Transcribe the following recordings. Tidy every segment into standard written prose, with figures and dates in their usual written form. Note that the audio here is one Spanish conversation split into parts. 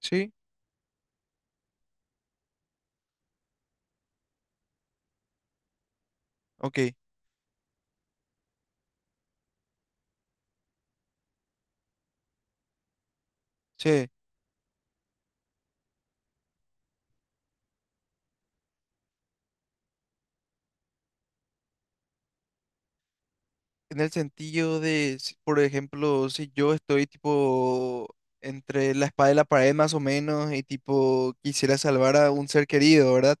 Sí, ok. Sí, en el sentido de, por ejemplo, si yo estoy tipo entre la espada y la pared más o menos y tipo quisiera salvar a un ser querido, ¿verdad?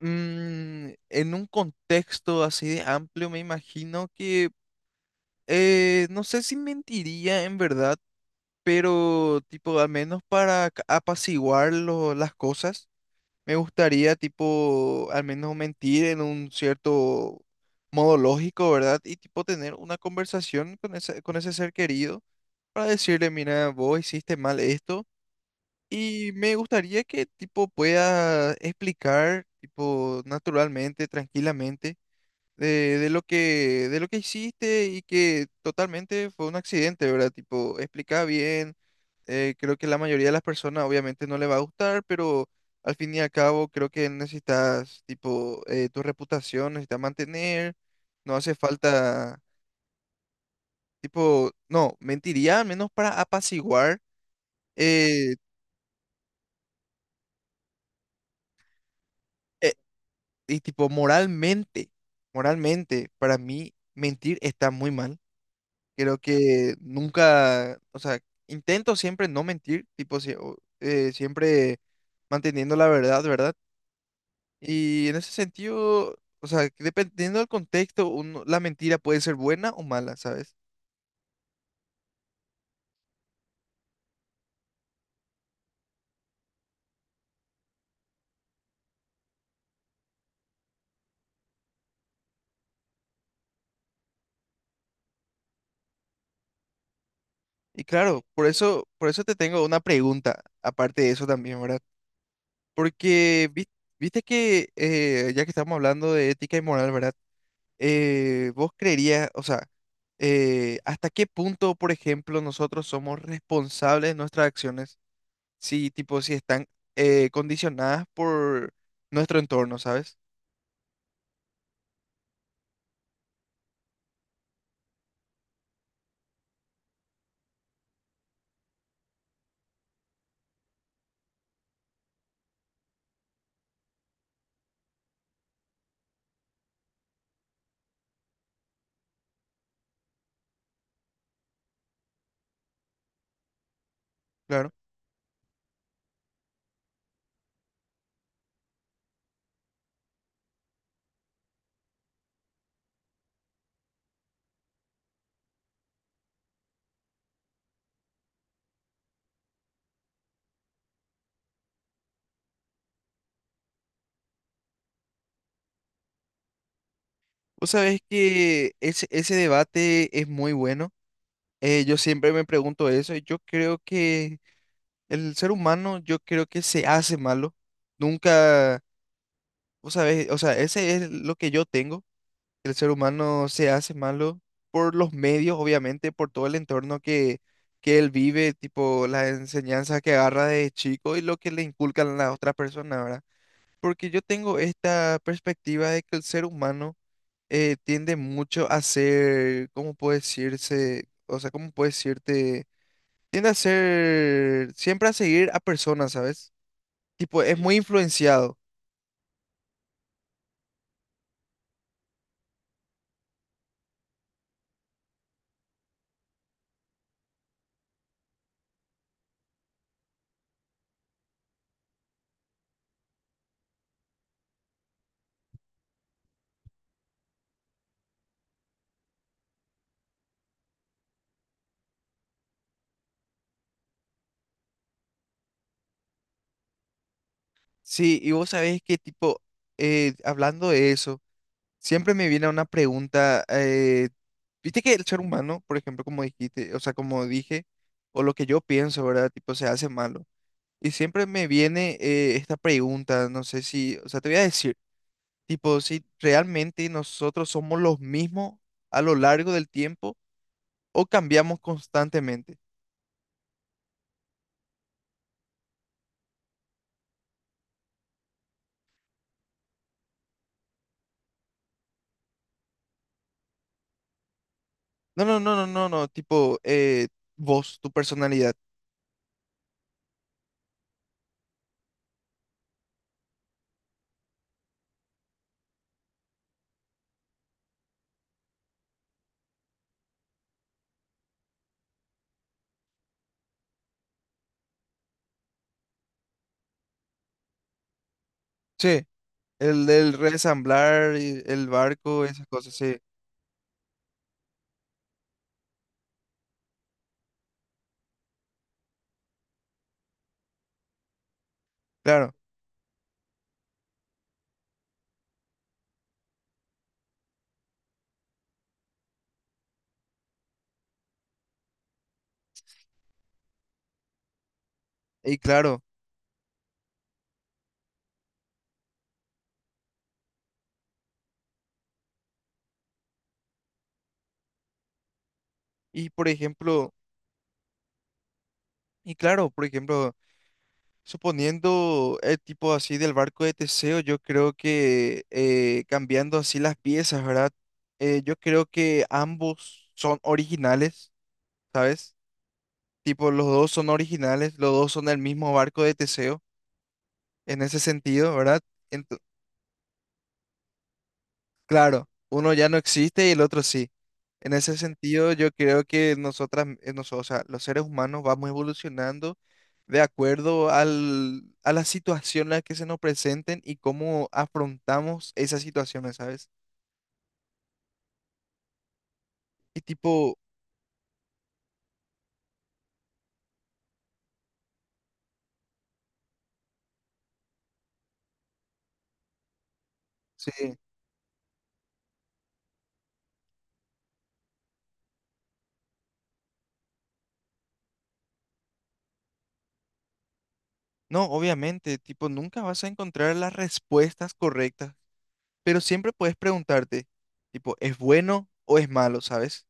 Mm, en un contexto así de amplio me imagino que, no sé si mentiría en verdad, pero tipo al menos para apaciguar las cosas. Me gustaría, tipo, al menos mentir en un cierto modo lógico, ¿verdad? Y, tipo, tener una conversación con con ese ser querido para decirle, mira, vos hiciste mal esto. Y me gustaría que, tipo, pueda explicar, tipo, naturalmente, tranquilamente, de lo de lo que hiciste y que totalmente fue un accidente, ¿verdad? Tipo, explica bien creo que la mayoría de las personas obviamente no le va a gustar, pero al fin y al cabo creo que necesitas, tipo, tu reputación necesitas mantener, no hace falta, tipo, no, mentiría, al menos para apaciguar, eh, eh, y tipo, moralmente, para mí mentir está muy mal. Creo que nunca, o sea, intento siempre no mentir, tipo, siempre manteniendo la verdad, ¿verdad? Y en ese sentido, o sea, que dependiendo del contexto, la mentira puede ser buena o mala, ¿sabes? Y claro, por eso te tengo una pregunta, aparte de eso también, ¿verdad? Porque viste que, ya que estamos hablando de ética y moral, ¿verdad? Vos creerías, o sea, ¿hasta qué punto, por ejemplo, nosotros somos responsables de nuestras acciones? Si, tipo, si están condicionadas por nuestro entorno, ¿sabes? Claro. Vos sabés que ese debate es muy bueno. Yo siempre me pregunto eso y yo creo que el ser humano, yo creo que se hace malo. Nunca, vos sabés, o sea, ese es lo que yo tengo. El ser humano se hace malo por los medios, obviamente, por todo el entorno que él vive, tipo las enseñanzas que agarra de chico y lo que le inculcan las otras personas, ¿verdad? Porque yo tengo esta perspectiva de que el ser humano tiende mucho a ser, ¿cómo puede decirse? O sea, ¿cómo puede decirte? Tiende a ser, siempre a seguir a personas, ¿sabes? Tipo, es muy influenciado. Sí, y vos sabés que, tipo, hablando de eso, siempre me viene una pregunta, viste que el ser humano, por ejemplo, como dijiste, o sea, como dije, o lo que yo pienso, ¿verdad? Tipo, se hace malo. Y siempre me viene esta pregunta, no sé si, o sea, te voy a decir. Tipo, si realmente nosotros somos los mismos a lo largo del tiempo o cambiamos constantemente. No, no, no, no, no, no. Tipo, vos, tu personalidad. Sí, el del resamblar, y el barco, esas cosas, sí. Claro, y claro. Y por ejemplo, y claro, por ejemplo, suponiendo el tipo así del barco de Teseo, yo creo que cambiando así las piezas, ¿verdad? Yo creo que ambos son originales, ¿sabes? Tipo, los dos son originales, los dos son del mismo barco de Teseo, en ese sentido, ¿verdad? Ento- claro, uno ya no existe y el otro sí. En ese sentido, yo creo que nosotras, o sea, los seres humanos vamos evolucionando de acuerdo a la situación en la que se nos presenten y cómo afrontamos esas situaciones, ¿sabes? Y tipo, sí, no, obviamente, tipo, nunca vas a encontrar las respuestas correctas. Pero siempre puedes preguntarte, tipo, ¿es bueno o es malo, sabes?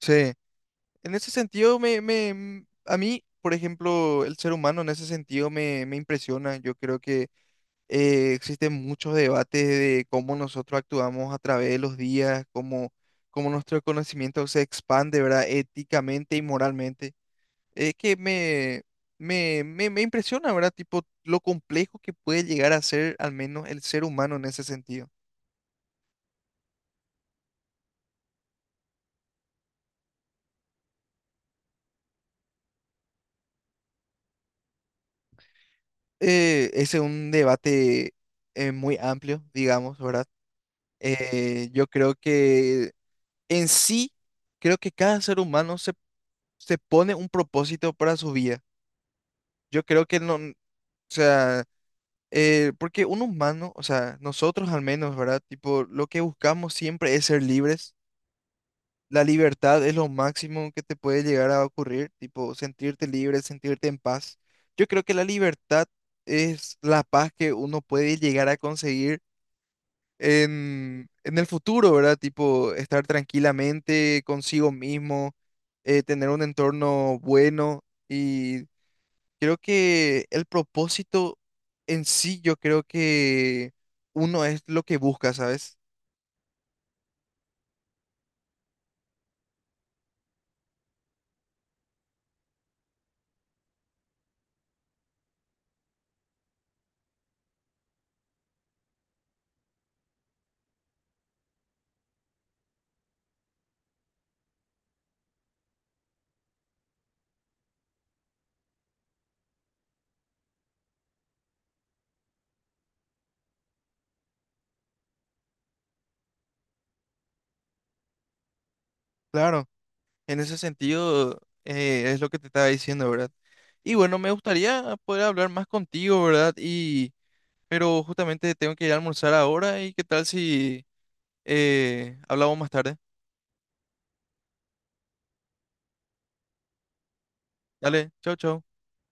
Sí. En ese sentido, a mí, por ejemplo, el ser humano en ese sentido me impresiona. Yo creo que existen muchos debates de cómo nosotros actuamos a través de los días, cómo, cómo nuestro conocimiento se expande, ¿verdad? Éticamente y moralmente. Es que me impresiona, ¿verdad? Tipo, lo complejo que puede llegar a ser al menos el ser humano en ese sentido. eh, es un debate muy amplio, digamos, ¿verdad? Yo creo que en sí, creo que cada ser humano se pone un propósito para su vida. Yo creo que no, o sea, porque un humano, o sea, nosotros al menos, ¿verdad? Tipo, lo que buscamos siempre es ser libres. La libertad es lo máximo que te puede llegar a ocurrir, tipo, sentirte libre, sentirte en paz. Yo creo que la libertad es la paz que uno puede llegar a conseguir en el futuro, ¿verdad? Tipo, estar tranquilamente consigo mismo, tener un entorno bueno y creo que el propósito en sí, yo creo que uno es lo que busca, ¿sabes? Claro, en ese sentido es lo que te estaba diciendo, ¿verdad? Y bueno, me gustaría poder hablar más contigo, ¿verdad? Y, pero justamente tengo que ir a almorzar ahora y qué tal si hablamos más tarde. Dale, chau, chau.